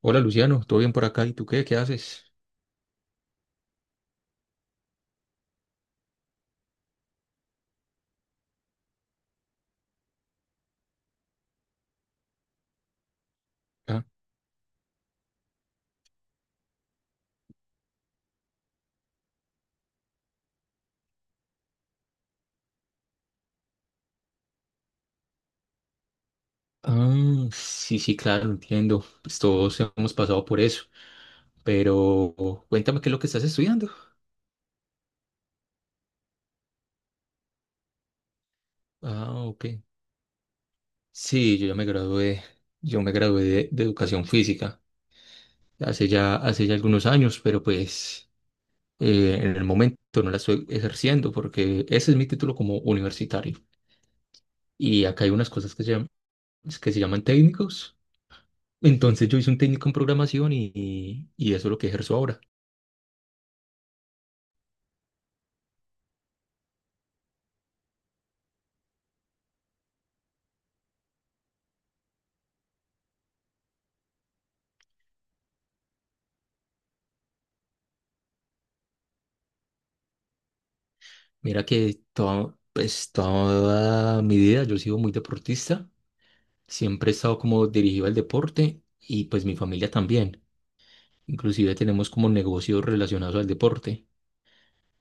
Hola Luciano, ¿todo bien por acá? ¿Y tú qué? ¿Qué haces? Ah, ah, sí, sí, claro, entiendo. Pues todos hemos pasado por eso. Pero cuéntame qué es lo que estás estudiando. Ah, ok. Sí, yo ya me gradué. Yo me gradué de educación física hace ya algunos años, pero pues en el momento no la estoy ejerciendo porque ese es mi título como universitario. Y acá hay unas cosas que se llaman técnicos. Entonces yo hice un técnico en programación y eso es lo que ejerzo ahora. Mira que toda, pues, toda mi vida yo he sido muy deportista, siempre he estado como dirigido al deporte y pues mi familia también. Inclusive tenemos como negocios relacionados al deporte.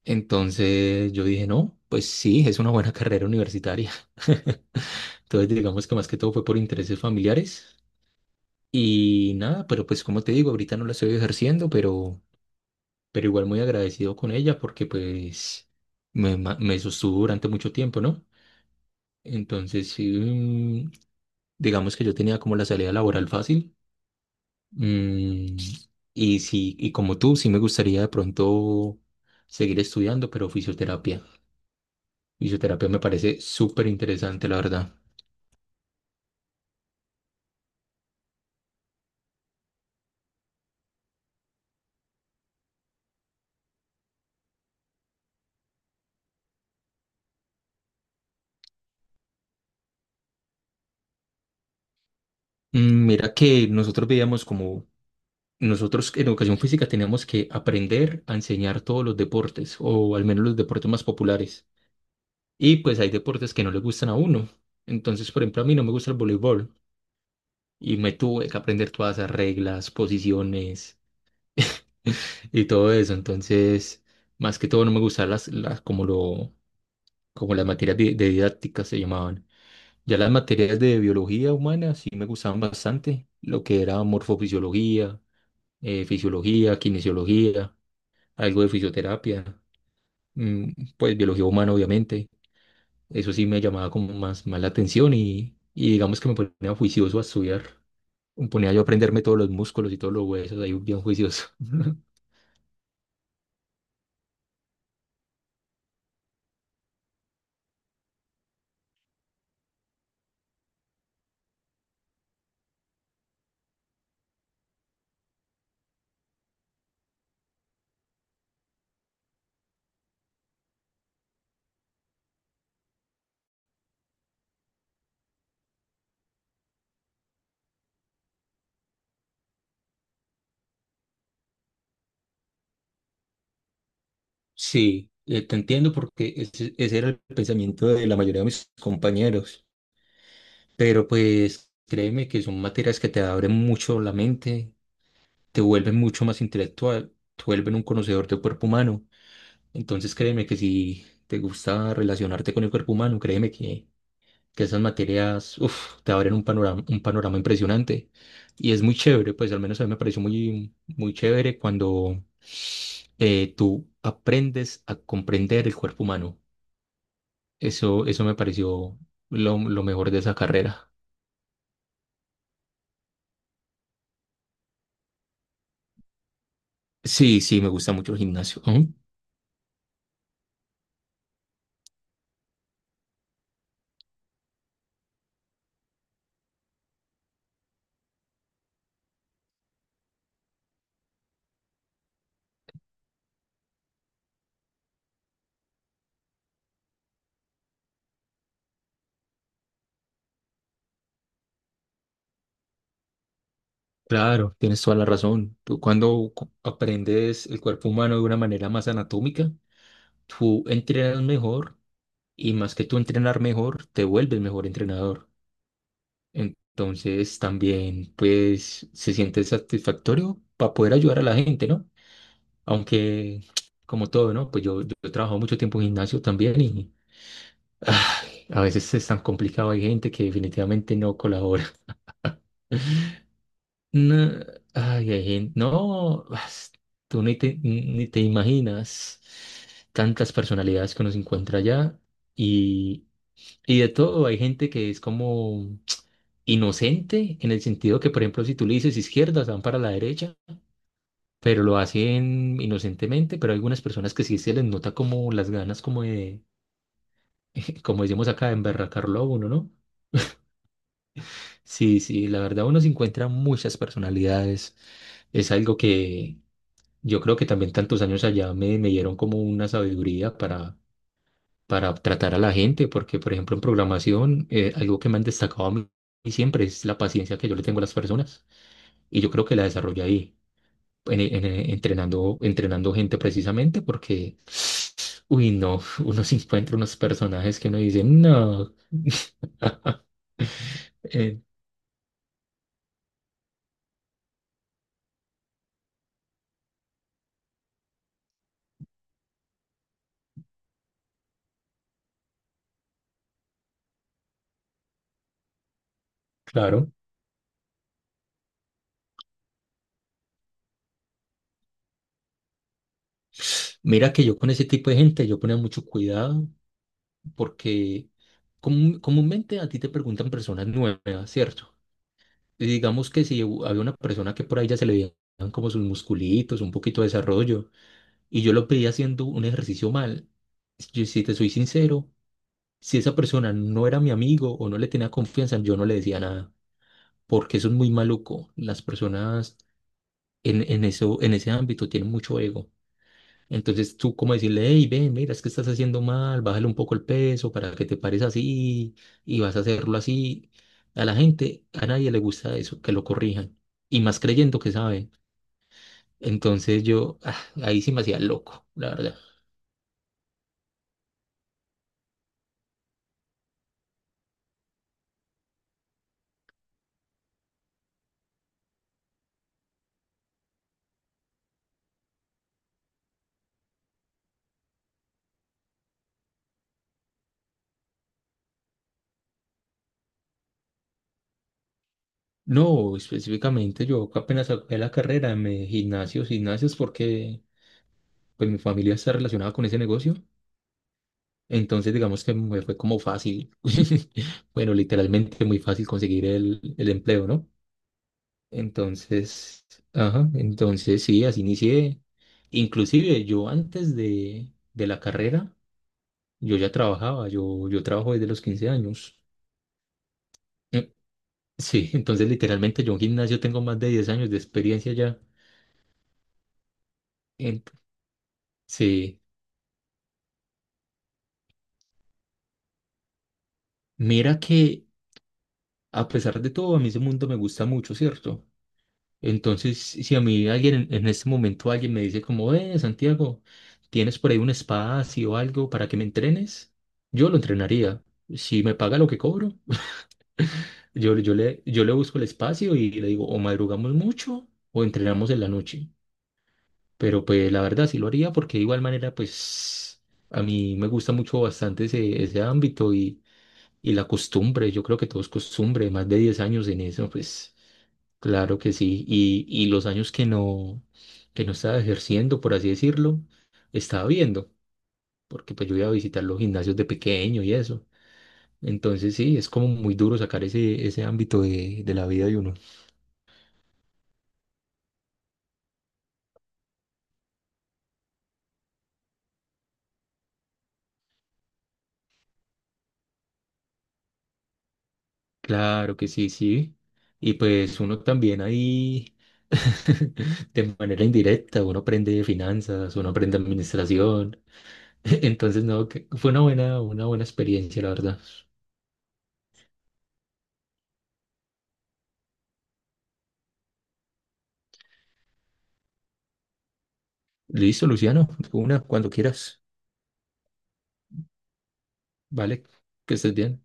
Entonces yo dije, no, pues sí, es una buena carrera universitaria. Entonces digamos que más que todo fue por intereses familiares y nada, pero pues como te digo, ahorita no la estoy ejerciendo, pero igual muy agradecido con ella porque pues me sostuvo durante mucho tiempo, ¿no? Entonces, sí, digamos que yo tenía como la salida laboral fácil. Mm, y sí, y como tú, sí me gustaría de pronto seguir estudiando, pero fisioterapia. Fisioterapia me parece súper interesante, la verdad. Mira que nosotros veíamos como, nosotros en educación física teníamos que aprender a enseñar todos los deportes, o al menos los deportes más populares. Y pues hay deportes que no le gustan a uno. Entonces, por ejemplo, a mí no me gusta el voleibol. Y me tuve que aprender todas esas reglas, posiciones y todo eso. Entonces, más que todo no me gustaban las como lo, como las materias de didáctica se llamaban. Ya las materias de biología humana sí me gustaban bastante, lo que era morfofisiología, fisiología, kinesiología, algo de fisioterapia, mm, pues biología humana obviamente. Eso sí me llamaba como más, más la atención y digamos que me ponía juicioso a estudiar. Me ponía yo a aprenderme todos los músculos y todos los huesos ahí bien juicioso. Sí, te entiendo porque ese era el pensamiento de la mayoría de mis compañeros, pero pues créeme que son materias que te abren mucho la mente, te vuelven mucho más intelectual, te vuelven un conocedor del cuerpo humano. Entonces créeme que si te gusta relacionarte con el cuerpo humano, créeme que esas materias, uf, te abren un panorama impresionante. Y es muy chévere, pues al menos a mí me pareció muy, muy chévere cuando tú aprendes a comprender el cuerpo humano. Eso me pareció lo mejor de esa carrera. Sí, sí, me gusta mucho el gimnasio. Ujú. Claro, tienes toda la razón. Tú cuando aprendes el cuerpo humano de una manera más anatómica, tú entrenas mejor y más que tú entrenar mejor, te vuelves mejor entrenador. Entonces también pues se siente satisfactorio para poder ayudar a la gente, ¿no? Aunque como todo, ¿no? Pues yo he trabajado mucho tiempo en gimnasio también y ay, a veces es tan complicado, hay gente que definitivamente no colabora. No, ay, hay gente, no, tú ni te imaginas tantas personalidades que uno se encuentra allá. Y de todo, hay gente que es como inocente, en el sentido que, por ejemplo, si tú le dices izquierda, se van para la derecha, pero lo hacen inocentemente, pero hay algunas personas que sí se les nota como las ganas como de, como decimos acá, de emberracarlo a uno, ¿no? Sí, sí, la verdad uno se encuentra muchas personalidades. Es algo que yo creo que también tantos años allá me dieron como una sabiduría para tratar a la gente, porque por ejemplo en programación algo que me han destacado a mí siempre es la paciencia que yo le tengo a las personas y yo creo que la desarrollé ahí, entrenando, entrenando gente precisamente porque, uy, no, uno se encuentra unos personajes que uno dice, no, eh, claro, mira que yo con ese tipo de gente yo ponía mucho cuidado porque comúnmente a ti te preguntan personas nuevas, ¿cierto? Y digamos que si había una persona que por ahí ya se le veían como sus musculitos, un poquito de desarrollo, y yo lo pedí haciendo un ejercicio mal, yo, si te soy sincero, si esa persona no era mi amigo o no le tenía confianza, yo no le decía nada, porque eso es muy maluco. Las personas en eso, en ese ámbito tienen mucho ego. Entonces tú como decirle, hey, ven, mira, es que estás haciendo mal, bájale un poco el peso para que te pares así y vas a hacerlo así. A la gente, a nadie le gusta eso, que lo corrijan. Y más creyendo que saben. Entonces yo, ah, ahí sí me hacía loco, la verdad. No, específicamente yo apenas acabé la carrera, me gimnasios, gimnasios, porque pues mi familia está relacionada con ese negocio. Entonces digamos que me fue como fácil, bueno, literalmente muy fácil conseguir el empleo, ¿no? Entonces, ajá, entonces sí, así inicié. Inclusive yo antes de la carrera, yo ya trabajaba, yo trabajo desde los 15 años. Mm, Sí, entonces literalmente yo en gimnasio tengo más de 10 años de experiencia ya. Ent- sí, mira que a pesar de todo, a mí ese mundo me gusta mucho, ¿cierto? Entonces, si a mí alguien en este momento alguien me dice como, Santiago, ¿tienes por ahí un espacio o algo para que me entrenes? Yo lo entrenaría. Si me paga lo que cobro, yo le busco el espacio y le digo, o madrugamos mucho o entrenamos en la noche. Pero pues la verdad sí lo haría porque de igual manera pues a mí me gusta mucho bastante ese, ese ámbito y la costumbre, yo creo que todo es costumbre, más de 10 años en eso, pues claro que sí. Y los años que no estaba ejerciendo, por así decirlo, estaba viendo, porque pues yo iba a visitar los gimnasios de pequeño y eso. Entonces sí, es como muy duro sacar ese, ese ámbito de la vida de uno. Claro que sí, sí. Y pues uno también ahí, de manera indirecta, uno aprende finanzas, uno aprende administración. Entonces, no, que fue una buena experiencia, la verdad. Listo, Luciano, una, cuando quieras. Vale, que estés bien.